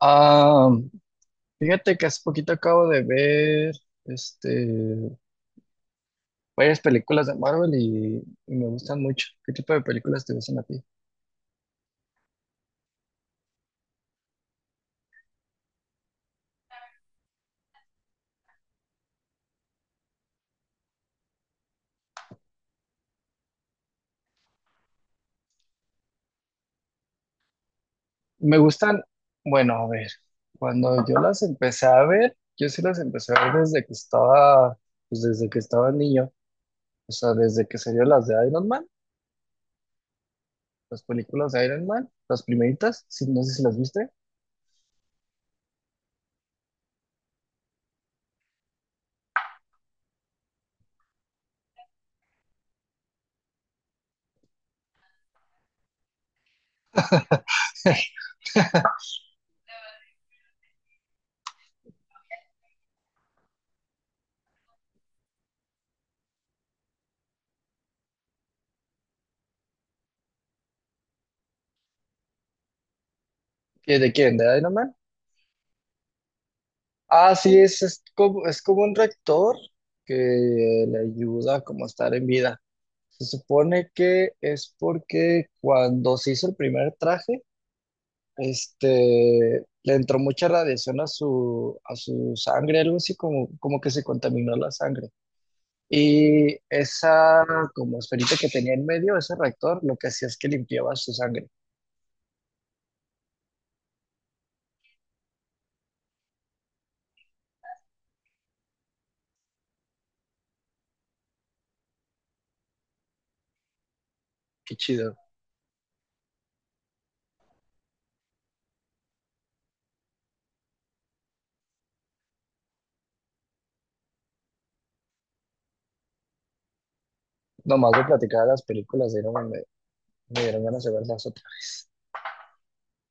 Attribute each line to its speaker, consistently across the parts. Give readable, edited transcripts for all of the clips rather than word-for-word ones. Speaker 1: Ah, fíjate que hace poquito acabo de ver este, varias películas de Marvel y me gustan mucho. ¿Qué tipo de películas te gustan a ti? Me gustan, bueno, a ver, cuando yo las empecé a ver, yo sí las empecé a ver pues desde que estaba niño, o sea, desde que salieron las de Iron Man, las películas de Iron Man, las primeritas, sí, no sé si las viste. ¿De quién? ¿De Iron Man? Ah, sí, es como un rector que le ayuda como a estar en vida. Se supone que es porque cuando se hizo el primer traje, le entró mucha radiación a su sangre, algo así como que se contaminó la sangre. Y esa como esferita que tenía en medio, ese rector, lo que hacía es que limpiaba su sangre. Qué chido. Nomás de platicar de las películas, de ahí no me, me dieron ganas de verlas otras.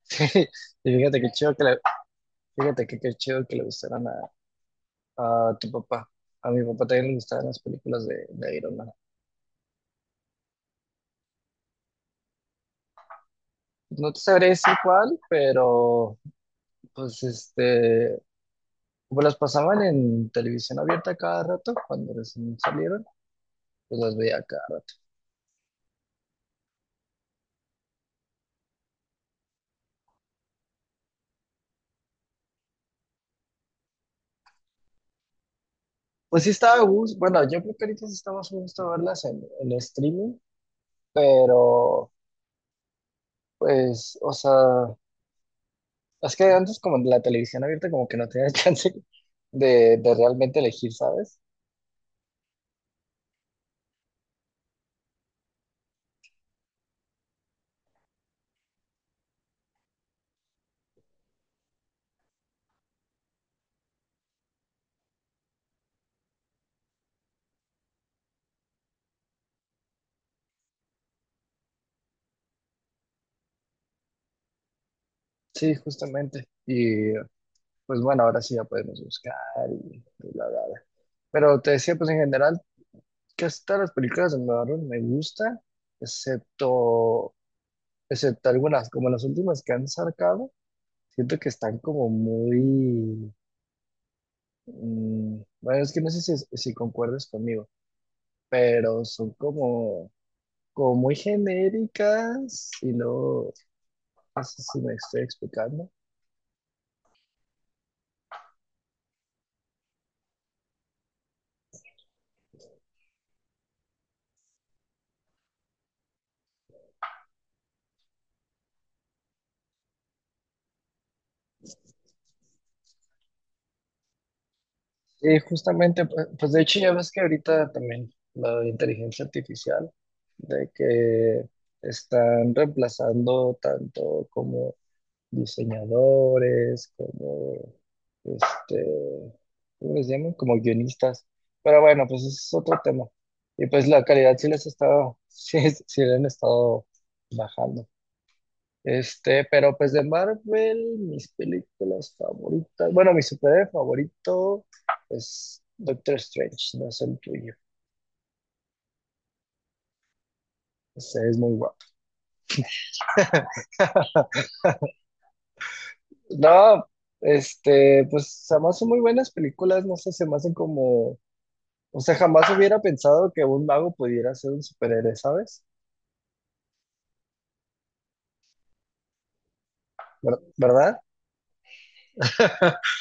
Speaker 1: Y fíjate qué chido. Fíjate que qué chido que le gustaran a tu papá. A mi papá también le gustaban las películas de Iron Man. No te sabré decir cuál, pero pues como las pasaban en televisión abierta cada rato, cuando recién salieron, pues las veía acá. Pues sí estaba a gusto, bueno, yo creo que ahorita sí está más a gusto verlas en streaming, pero pues, o sea, es que antes como en la televisión abierta como que no tenías chance de realmente elegir, ¿sabes? Sí, justamente. Y pues bueno, ahora sí ya podemos buscar y y bla, bla, bla. Pero te decía, pues en general, casi todas las películas de Marvel me gustan, excepto, excepto algunas, como las últimas que han sacado, siento que están como muy... bueno, es que no sé si concuerdas conmigo, pero son como, como muy genéricas y no sé si me estoy explicando. Y justamente, pues, de hecho ya ves que ahorita también la inteligencia artificial, de que están reemplazando tanto como diseñadores, este, ¿cómo les llaman? Como guionistas. Pero bueno, pues ese es otro tema. Y pues la calidad sí les ha estado, sí le han estado bajando. Pero pues de Marvel, mis películas favoritas. Bueno, mi superhéroe favorito es Doctor Strange, no es el tuyo. Ese es muy guapo. No, este, pues además son muy buenas películas, no sé, se me hacen como. O sea, jamás hubiera pensado que un mago pudiera ser un superhéroe, ¿sabes? ¿Verdad?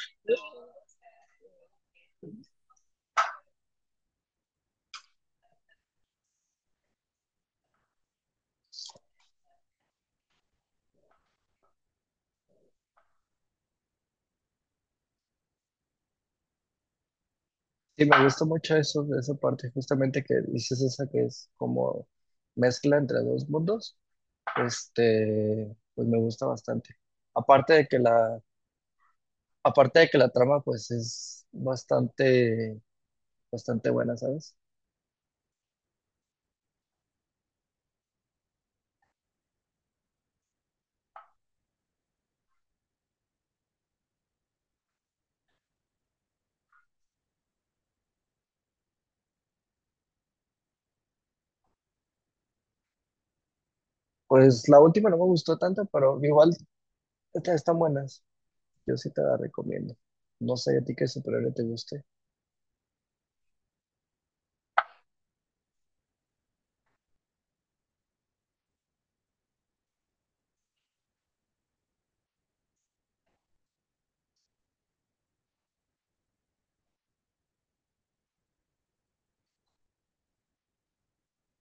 Speaker 1: Sí, me gusta mucho eso, de esa parte, justamente que dices esa que es como mezcla entre dos mundos. Pues me gusta bastante. Aparte de que la, aparte de que la trama, pues es bastante, bastante buena, ¿sabes? Pues la última no me gustó tanto, pero igual estas están buenas. Yo sí te la recomiendo. No sé a ti qué superhéroe te guste.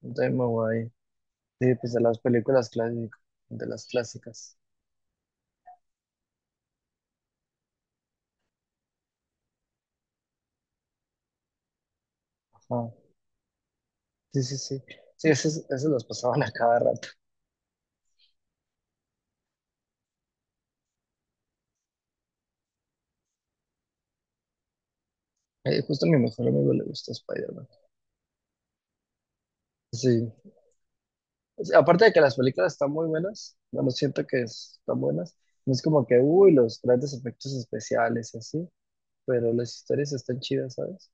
Speaker 1: Entonces me voy. Sí, pues de las películas clásicas, de las clásicas. Ajá. Sí, sí, sí. Sí, esas las pasaban a cada rato. Justo a mi mejor amigo le gusta Spider-Man. Sí. O sea, aparte de que las películas están muy buenas, bueno, siento que están buenas. No es como que, uy, los grandes efectos especiales y así, pero las historias están chidas, ¿sabes?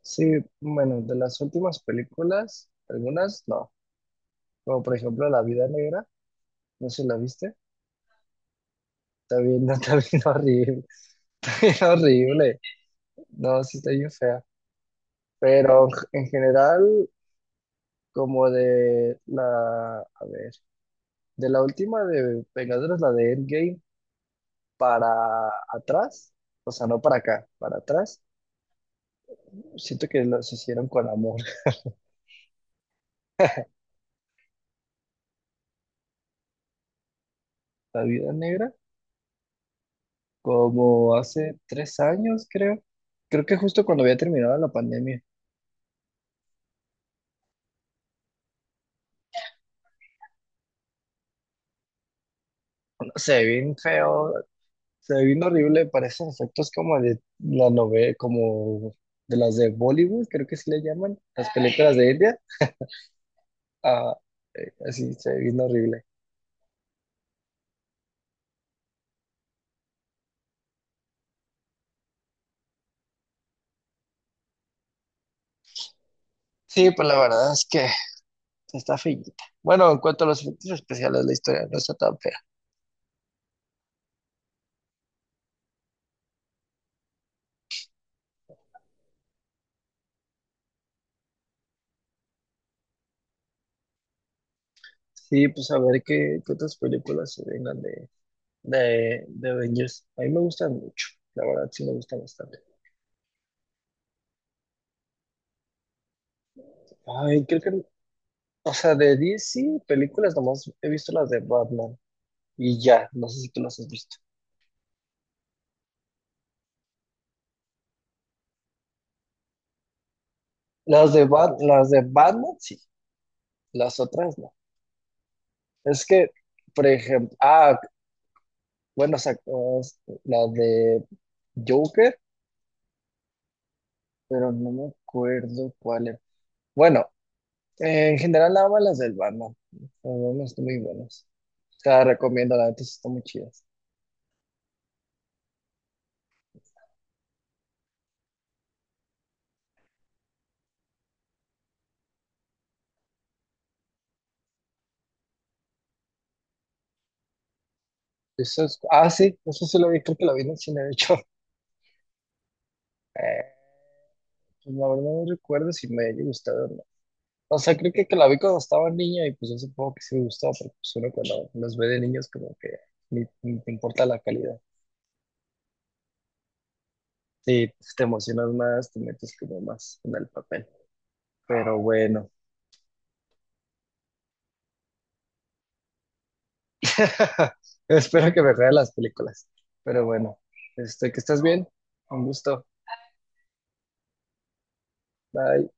Speaker 1: Sí, bueno, de las últimas películas, algunas no. Como por ejemplo La Vida Negra, no sé si la viste. Está bien, no, está bien horrible. Es horrible. No, sí está bien fea. Pero en general, a ver, de la última de Vengadores, la de Endgame. Para atrás, o sea, no para acá, para atrás. Siento que los hicieron con amor. La vida negra, como hace tres años, creo. Creo que justo cuando había terminado la pandemia. No, Se ve bien feo, se ve bien horrible, parecen efectos como de la novela, como de las de Bollywood, creo que sí le llaman, las películas de India. Ah, así se ve bien horrible. Sí, pues la verdad es que está feillita. Bueno, en cuanto a los efectos especiales, la historia no está tan fea. Sí, pues a ver qué otras películas se vengan de Avengers. A mí me gustan mucho, la verdad sí me gustan bastante. Ay, o sea, de DC películas nomás he visto las de Batman y ya, no sé si tú las has visto. Las de Batman sí, las otras no. Es que, por ejemplo, la de Joker, pero no me acuerdo cuál era. Bueno, eh, en general, nada más las del Batman. Las del Batman están muy buenas. Te las recomiendo, la neta, sí están muy chidas. Sí, eso sí lo vi, creo que lo vi en el cine, de hecho. Eh, pues la verdad no recuerdo si me haya gustado o no. O sea, creo que la vi cuando estaba niña y pues yo supongo que sí me gustó, pero pues uno cuando los ve de niños como que ni te importa la calidad. Sí, pues, te emocionas más, te metes como más en el papel. Pero bueno, espero que me vean las películas. Pero bueno, que estés bien, un gusto. Bye.